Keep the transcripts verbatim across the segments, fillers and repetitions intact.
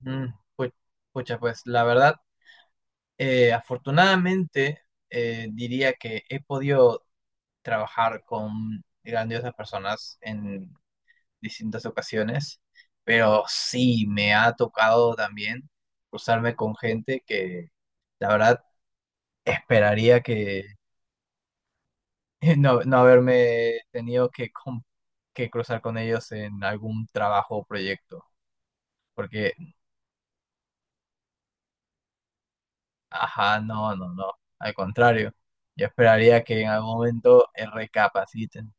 Mm, pu- Pucha, pues la verdad, eh, afortunadamente eh, diría que he podido trabajar con grandiosas personas en distintas ocasiones, pero sí me ha tocado también cruzarme con gente que la verdad esperaría que no, no haberme tenido que, com- que cruzar con ellos en algún trabajo o proyecto, porque. Ajá, no, no, no. Al contrario, yo esperaría que en algún momento eh, recapaciten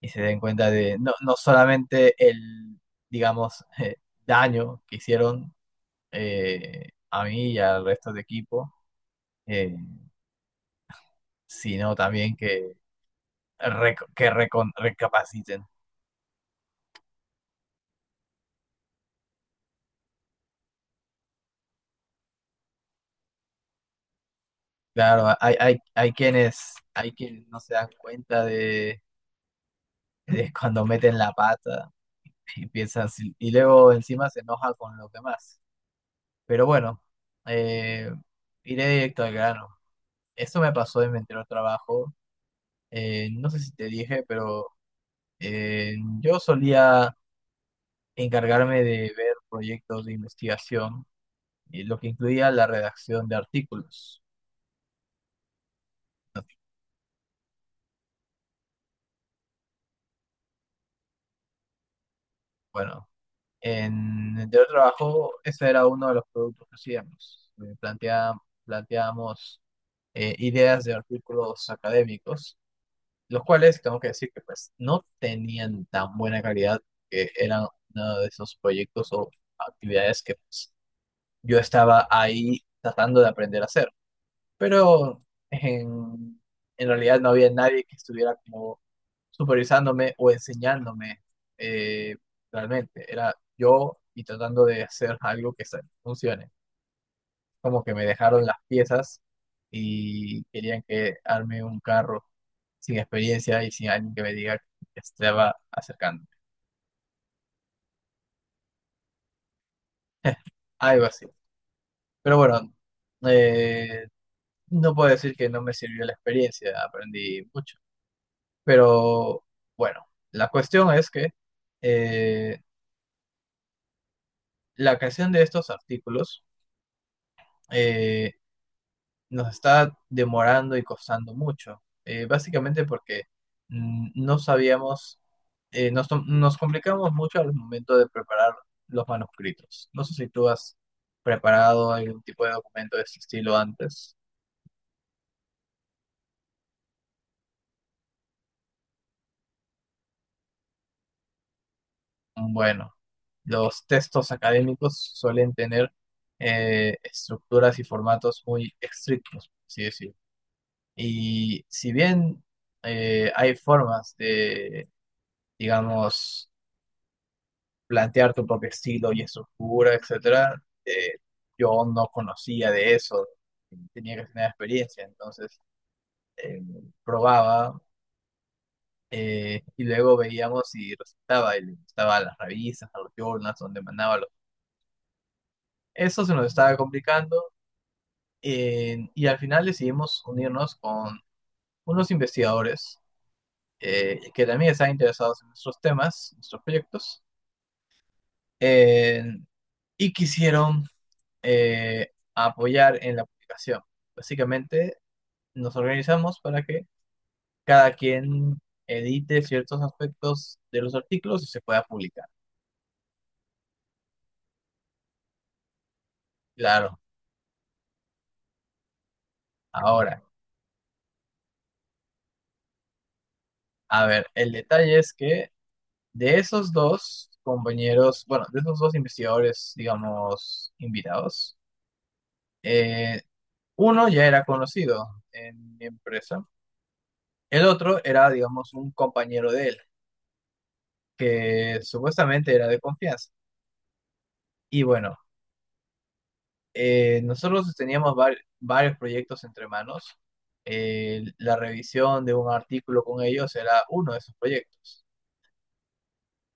y se den cuenta de no, no solamente el, digamos, eh, daño que hicieron, eh, a mí y al resto de equipo, eh, sino también que, rec- que recon- recapaciten. Claro, hay, hay, hay quienes, hay quienes no se dan cuenta de, de cuando meten la pata y piensan, si- y luego encima se enojan con los demás. Pero bueno, eh, iré directo al grano. Eso me pasó en mi anterior trabajo. Eh, no sé si te dije, pero eh, yo solía encargarme de ver proyectos de investigación, y lo que incluía la redacción de artículos. Bueno, en mi anterior trabajo ese era uno de los productos que hacíamos. Eh, plantea- planteábamos eh, ideas de artículos académicos los cuales tengo que decir que pues no tenían tan buena calidad, que eran uno de esos proyectos o actividades que pues, yo estaba ahí tratando de aprender a hacer, pero en, en realidad no había nadie que estuviera como supervisándome o enseñándome, eh, realmente, era yo y tratando de hacer algo que se- funcione, como que me dejaron las piezas y querían que arme un carro sin experiencia y sin alguien que me diga que estaba acercando. Algo así. Pero bueno, eh, no puedo decir que no me sirvió la experiencia, aprendí mucho. Pero bueno, la cuestión es que eh, la creación de estos artículos, eh, nos está demorando y costando mucho, eh, básicamente porque, mm, no sabíamos, eh, nos, tom- nos complicamos mucho al momento de preparar los manuscritos. No sé si tú has preparado algún tipo de documento de este estilo antes. Bueno, los textos académicos suelen tener eh, estructuras y formatos muy estrictos, por así decirlo. Y si bien eh, hay formas de, digamos, plantear tu propio estilo y estructura, etcétera, eh, yo no conocía de eso, tenía que tener experiencia, entonces eh, probaba, eh, y luego veíamos si resultaba, y le gustaba a las revistas, a los journals donde mandaba los... Eso se nos estaba complicando, eh, y al final decidimos unirnos con unos investigadores eh, que también estaban interesados en nuestros temas, nuestros proyectos, eh, y quisieron eh, a apoyar en la publicación. Básicamente nos organizamos para que cada quien edite ciertos aspectos de los artículos y se pueda publicar. Claro, ahora, a ver, el detalle es que de esos dos compañeros, bueno, de esos dos investigadores, digamos, invitados, eh, uno ya era conocido en mi empresa, el otro era, digamos, un compañero de él, que supuestamente era de confianza. Y bueno, Eh, nosotros teníamos var- varios proyectos entre manos. Eh, la revisión de un artículo con ellos era uno de esos proyectos.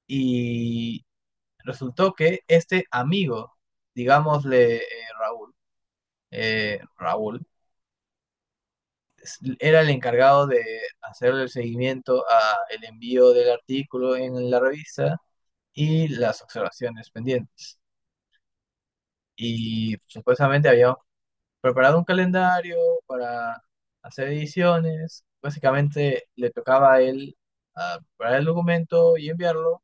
Y resultó que este amigo, digámosle eh, Raúl, eh, Raúl, es- era el encargado de hacerle el seguimiento a el envío del artículo en la revista y las observaciones pendientes. Y supuestamente habíamos preparado un calendario para hacer ediciones. Básicamente le tocaba a él ah, preparar el documento y enviarlo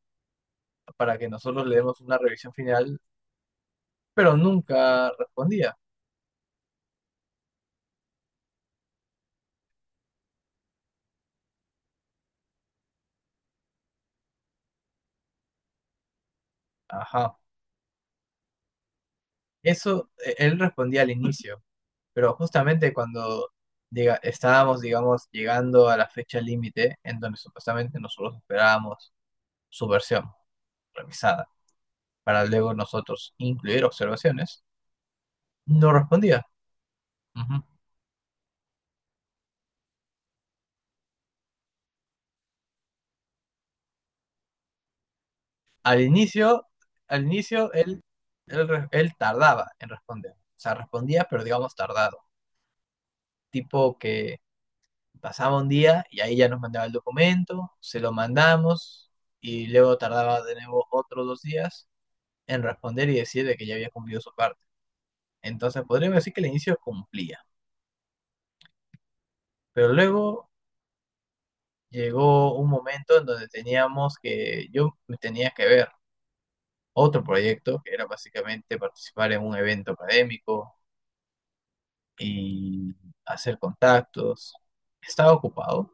para que nosotros le demos una revisión final, pero nunca respondía. Ajá. Eso eh, él respondía al inicio, pero justamente cuando diga, estábamos, digamos, llegando a la fecha límite en donde supuestamente nosotros esperábamos su versión revisada para luego nosotros incluir observaciones, no respondía. Ujú. Al inicio, al inicio él, él, re- él tardaba en responder. O sea, respondía, pero digamos tardado. Tipo que pasaba un día y ahí ya nos mandaba el documento, se lo mandamos y luego tardaba de nuevo otros dos días en responder y decir de que ya había cumplido su parte. Entonces podríamos decir que al inicio cumplía, pero luego llegó un momento en donde teníamos que, yo me tenía que ver otro proyecto que era básicamente participar en un evento académico y hacer contactos. Estaba ocupado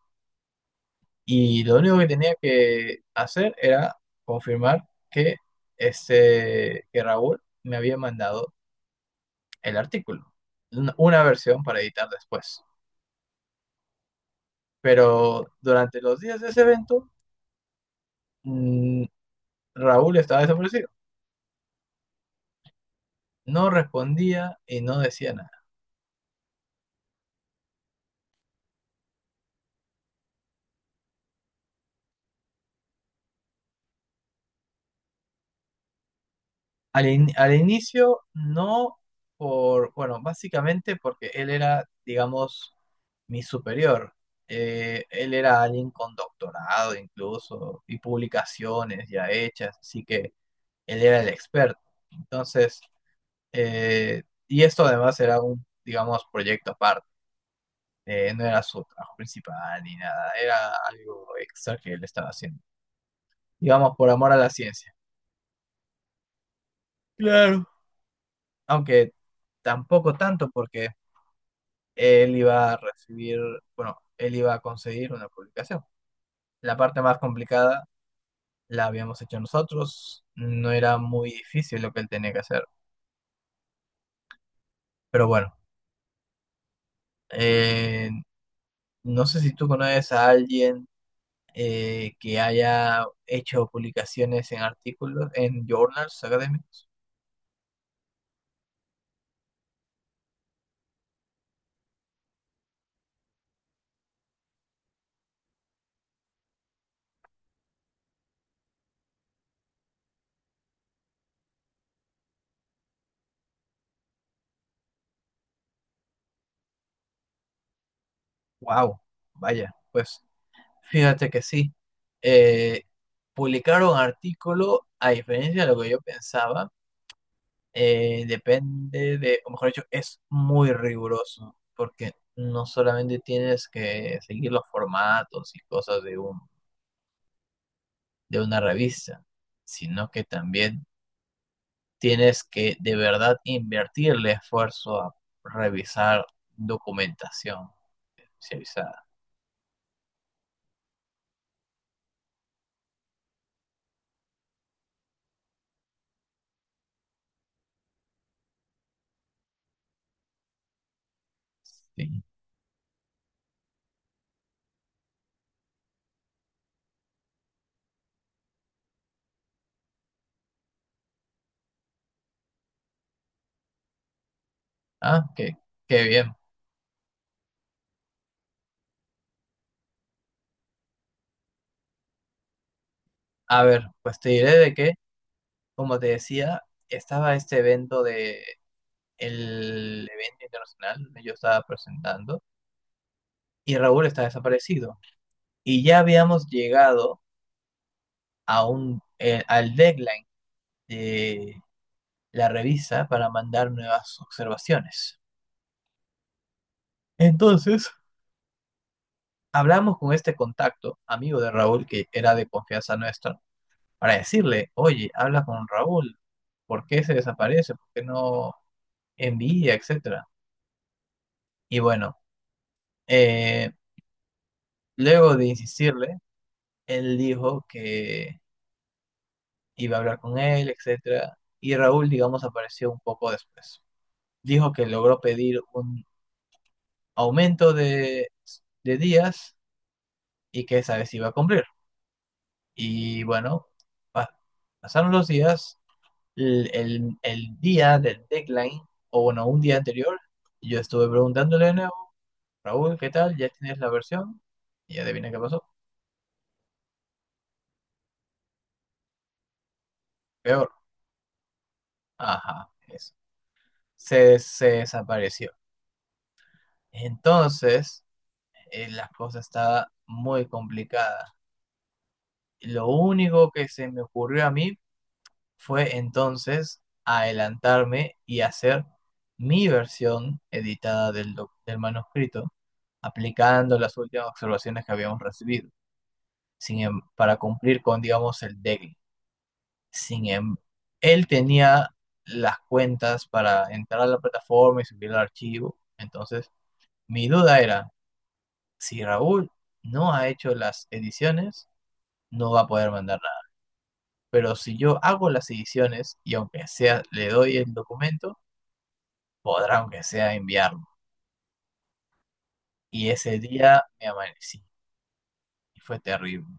y lo único que tenía que hacer era confirmar que, este, que Raúl me había mandado el artículo, una, una versión para editar después. Pero durante los días de ese evento, mm, Raúl estaba desaparecido. No respondía y no decía nada. Al, in- al inicio no por, bueno, básicamente porque él era, digamos, mi superior. Eh, él era alguien con doctorado incluso y publicaciones ya hechas, así que él era el experto. Entonces, eh, y esto además era un, digamos, proyecto aparte. Eh, no era su trabajo principal ni nada, era algo extra que él estaba haciendo, digamos, por amor a la ciencia. Claro. Aunque tampoco tanto porque... él iba a recibir, bueno, él iba a conseguir una publicación. La parte más complicada la habíamos hecho nosotros, no era muy difícil lo que él tenía que hacer. Pero bueno, eh, no sé si tú conoces a alguien eh, que haya hecho publicaciones en artículos, en journals académicos. Wow, vaya, pues fíjate que sí. Eh, publicar un artículo, a diferencia de lo que yo pensaba, Eh, depende de, o mejor dicho, es muy riguroso, porque no solamente tienes que seguir los formatos y cosas de un, de una revista, sino que también tienes que de verdad invertirle esfuerzo a revisar documentación especializada. Sí. Ah, qué, qué bien. A ver, pues te diré de que, como te decía, estaba este evento de el evento internacional, yo estaba presentando. Y Raúl está desaparecido. Y ya habíamos llegado a un, eh, al deadline de la revista para mandar nuevas observaciones. Entonces, hablamos con este contacto, amigo de Raúl, que era de confianza nuestra, para decirle, oye, habla con Raúl, ¿por qué se desaparece? ¿Por qué no envía, etcétera? Y bueno, eh, luego de insistirle, él dijo que iba a hablar con él, etcétera, y Raúl, digamos, apareció un poco después. Dijo que logró pedir un aumento de, de días y que esa vez iba a cumplir. Y bueno, pa- pasaron los días, el, el- el día del deadline, o bueno, un día anterior, yo estuve preguntándole de nuevo, Raúl, ¿qué tal? ¿Ya tienes la versión? Y adivina qué pasó. Peor. Ajá, eso. Se, se desapareció. Entonces, eh, la cosa estaba muy complicada. Lo único que se me ocurrió a mí fue entonces adelantarme y hacer mi versión editada del, doc- del manuscrito, aplicando las últimas observaciones que habíamos recibido, sin, em- para cumplir con, digamos, el deadline. Sin em- Él tenía las cuentas para entrar a la plataforma y subir el archivo. Entonces, mi duda era, si Raúl no ha hecho las ediciones, no va a poder mandar nada. Pero si yo hago las ediciones y aunque sea le doy el documento, podrá aunque sea enviarlo. Y ese día me amanecí y fue terrible.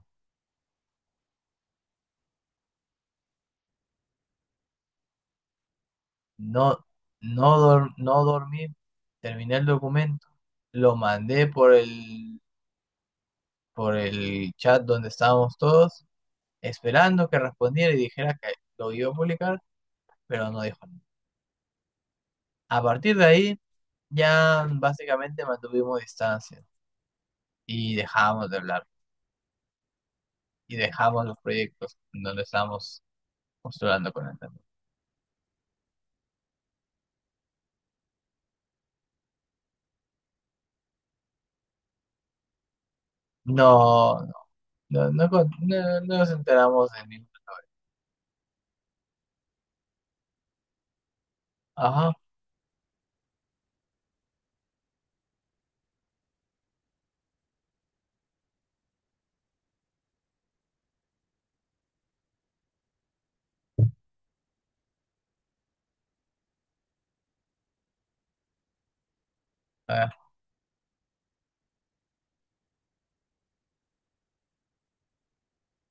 No, no, dor- no dormí, terminé el documento, lo mandé por el, por el chat donde estábamos todos, esperando que respondiera y dijera que lo iba a publicar, pero no dijo nada. A partir de ahí ya básicamente mantuvimos distancia y dejamos de hablar y dejamos los proyectos en donde estábamos postulando con él. También. No, No, no, con- no, no nos enteramos de ningún. Ajá, a